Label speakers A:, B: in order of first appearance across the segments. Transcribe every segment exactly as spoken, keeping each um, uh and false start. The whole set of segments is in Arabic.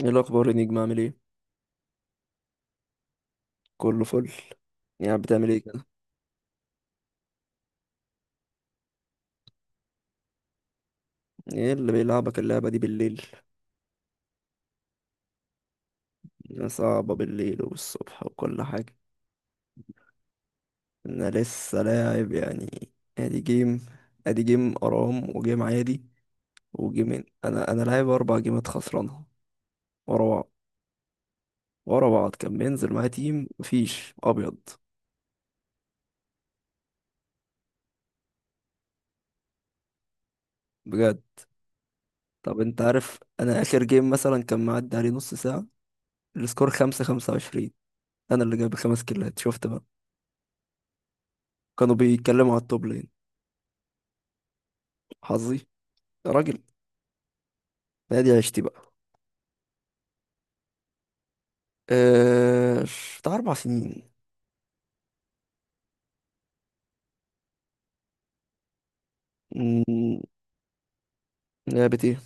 A: ايه الاخبار يا نجم؟ عامل ايه؟ كله فل. يعني بتعمل ايه كده؟ ايه اللي بيلعبك اللعبه دي بالليل؟ يا صعبه بالليل والصبح وكل حاجه. انا لسه لاعب يعني. ادي جيم، ادي جيم ارام وجيم عادي. وجيمين انا انا لاعب اربع جيمات خسرانها ورا بعض. ورا بعض كان بينزل معايا تيم، مفيش ابيض بجد. طب انت عارف، انا اخر جيم مثلا كان معدي عليه نص ساعه. السكور خمسة، خمسة وعشرين انا اللي جايب خمس كيلات، شفت بقى؟ كانوا بيتكلموا على التوب لين. حظي؟ يا راجل! دي عشتي بقى. آه... بتاع أربع سنين. مم. لعبة ايه؟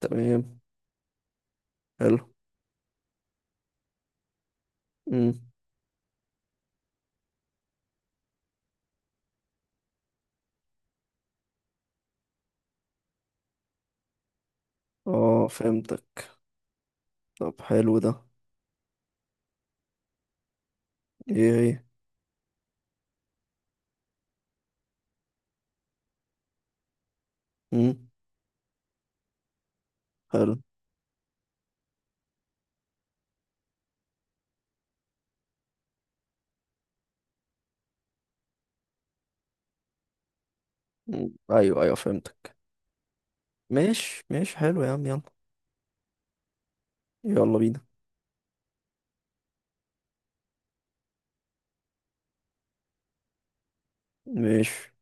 A: تمام. حلو. مم. اه، فهمتك. طب، حلو ده. ايه، ايه. مم. حلو. مم. ايوه، ايوه، فهمتك. ماشي، ماشي، حلو يا عم، يلا. يلا بينا. ماشي.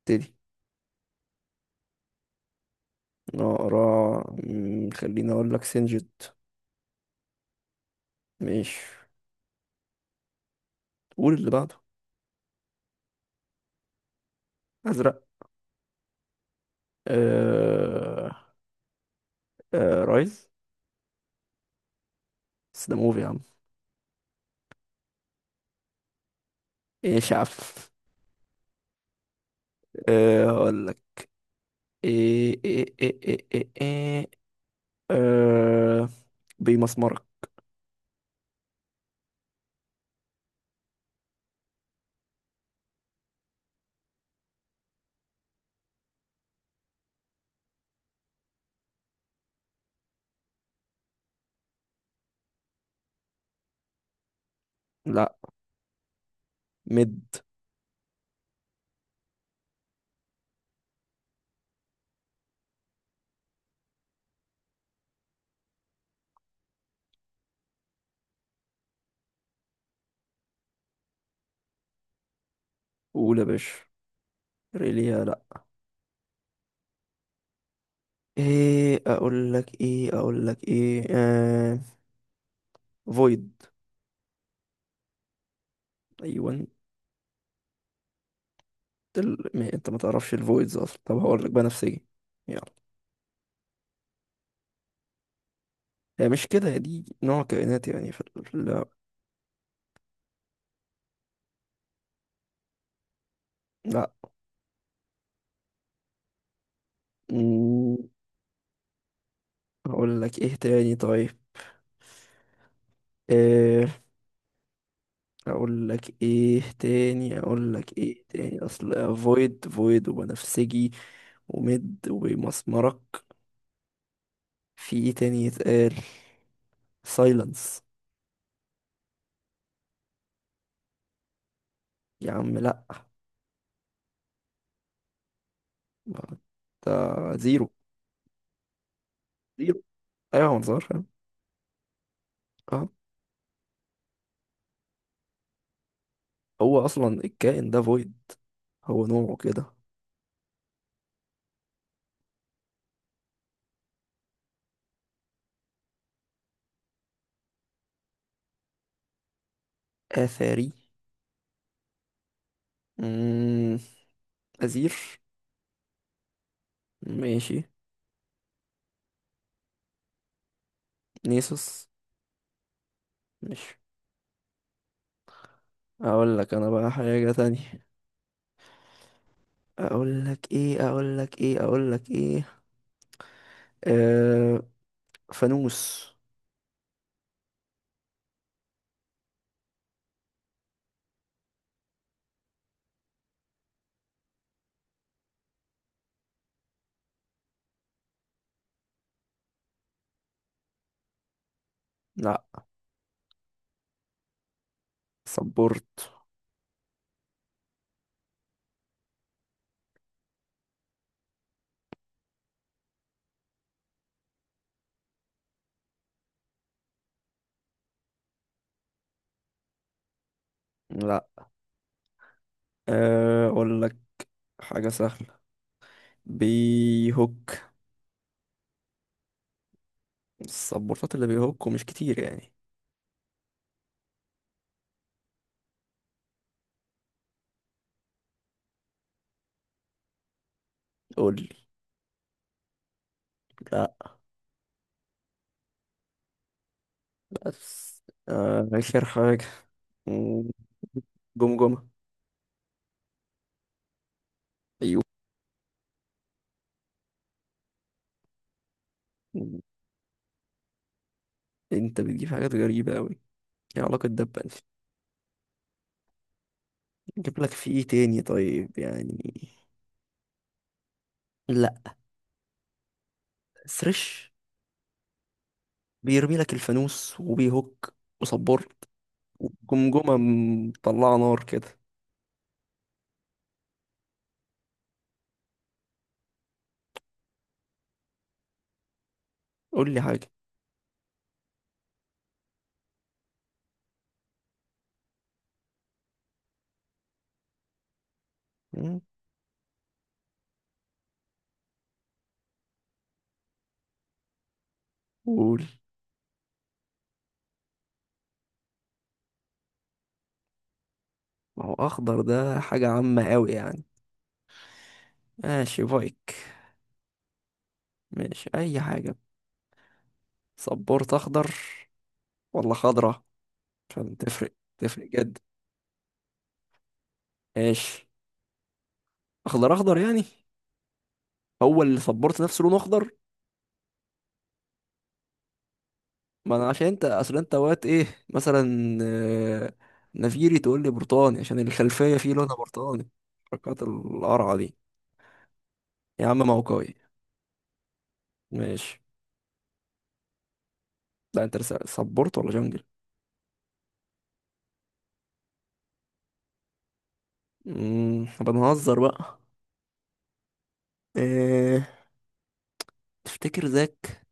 A: ابتدي. نقرا. مم، خليني اقول لك سنجد. ماشي. قول اللي بعده. ازرق. آه... آه... رايز. بس ده موفي يا عم. ايه يا شعب؟ أه، هقول لك. ايه ايه ايه ايه ايه, إيه. أه، بمسمرك. لا. مد. قول يا باشا. ريليا، لا. ايه اقول لك ايه اقول لك ايه أه فويد. ايوه، انت. ال... ما انت ما تعرفش الفويدز اصلا. طب، هقول لك بنفسجي. يلا. هي مش كده، هي دي نوع كائنات يعني، في ال... لا. لا. مم، هقول لك ايه تاني؟ طيب. آه، اقول لك ايه تاني اقول لك ايه تاني. اصل فويد، فويد وبنفسجي وميد ومسمرك. في ايه تاني يتقال؟ سايلنس. يا عم، لا. ما. ده. زيرو. زيرو. ايوه، ما نظهرش. اه. هو اصلا الكائن ده فويد، هو نوعه كده. اثري. امم ازير. ماشي. نيسوس. مش اقول لك انا بقى حاجة تانية. اقول لك ايه اقول لك ايه اقول لك ايه. آه، فانوس. لا. سبورت. لا. آه، اقول لك حاجة سهلة. بيهوك. السبورتات اللي بيهوكوا مش كتير يعني. قول لي. لا. بس. آه، آخر حاجة. جمجمة. أيوه. أنت بتجيب حاجات غريبة أوي. إيه علاقة ده بألف؟ أجيب لك في إيه تاني؟ طيب يعني. لا. سرش. بيرمي لك الفانوس وبيهوك وصبار وجمجمة. مطلعة نار كده. قول لي حاجة. مم، قول. ما هو اخضر ده حاجة عامة قوي يعني. ماشي، بايك؟ ماشي اي حاجة. سبورت اخضر ولا خضرة؟ عشان تفرق، تفرق جدا. ماشي. اخضر، اخضر يعني. هو اللي سبورت نفسه لونه اخضر؟ ما انا عشان انت، اصل انت وقت ايه مثلا، آه، نفيري تقول لي برتقاني عشان الخلفية فيه لونها برتقاني. حركات القرعة دي. يا عم ما هو قوي. ماشي. لا، انت لسه سبورت ولا جنجل؟ امم بنهزر بقى. إيه؟ تفتكر ذاك؟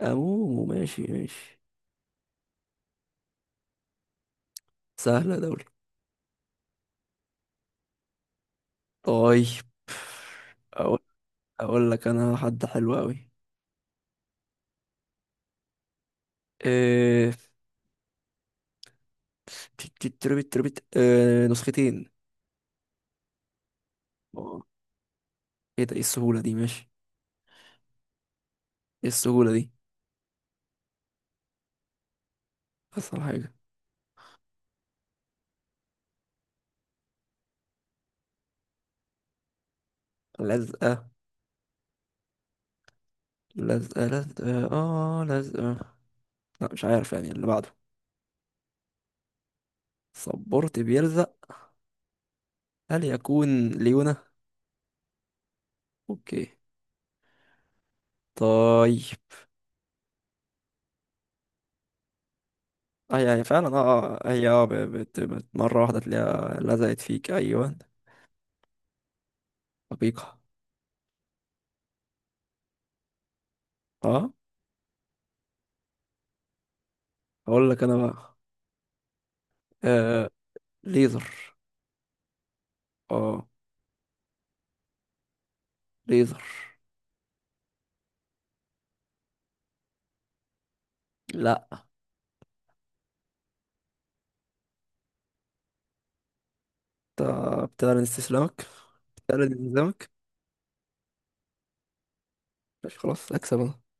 A: أمومو، ماشي، ماشي. سهلة دولي. طيب. أقول, أقول لك أنا حد حلو أوي. إيه... تربت، تربت، إيه... نسختين. أوه. إيه ده؟ إيه السهولة دي؟ ماشي. إيه السهولة دي؟ أصل حاجة. لزقة. لزقة، لزقة، آه لزقة. لا، مش عارف يعني اللي بعده. صبرت بيلزق. هل يكون ليونة؟ أوكي. طيب. اه، يعني فعلا، اه آه، هي اه ب- بت... بت... مرة واحدة تلاقيها لزقت فيك، أيوة. حقيقة. اه. اقول لك انا بقى. آه ليزر. اه. ليزر. لا. انت؟ بتعلن استسلامك؟ بتعلن انهزامك؟ ماشي، خلاص، اكسب انا.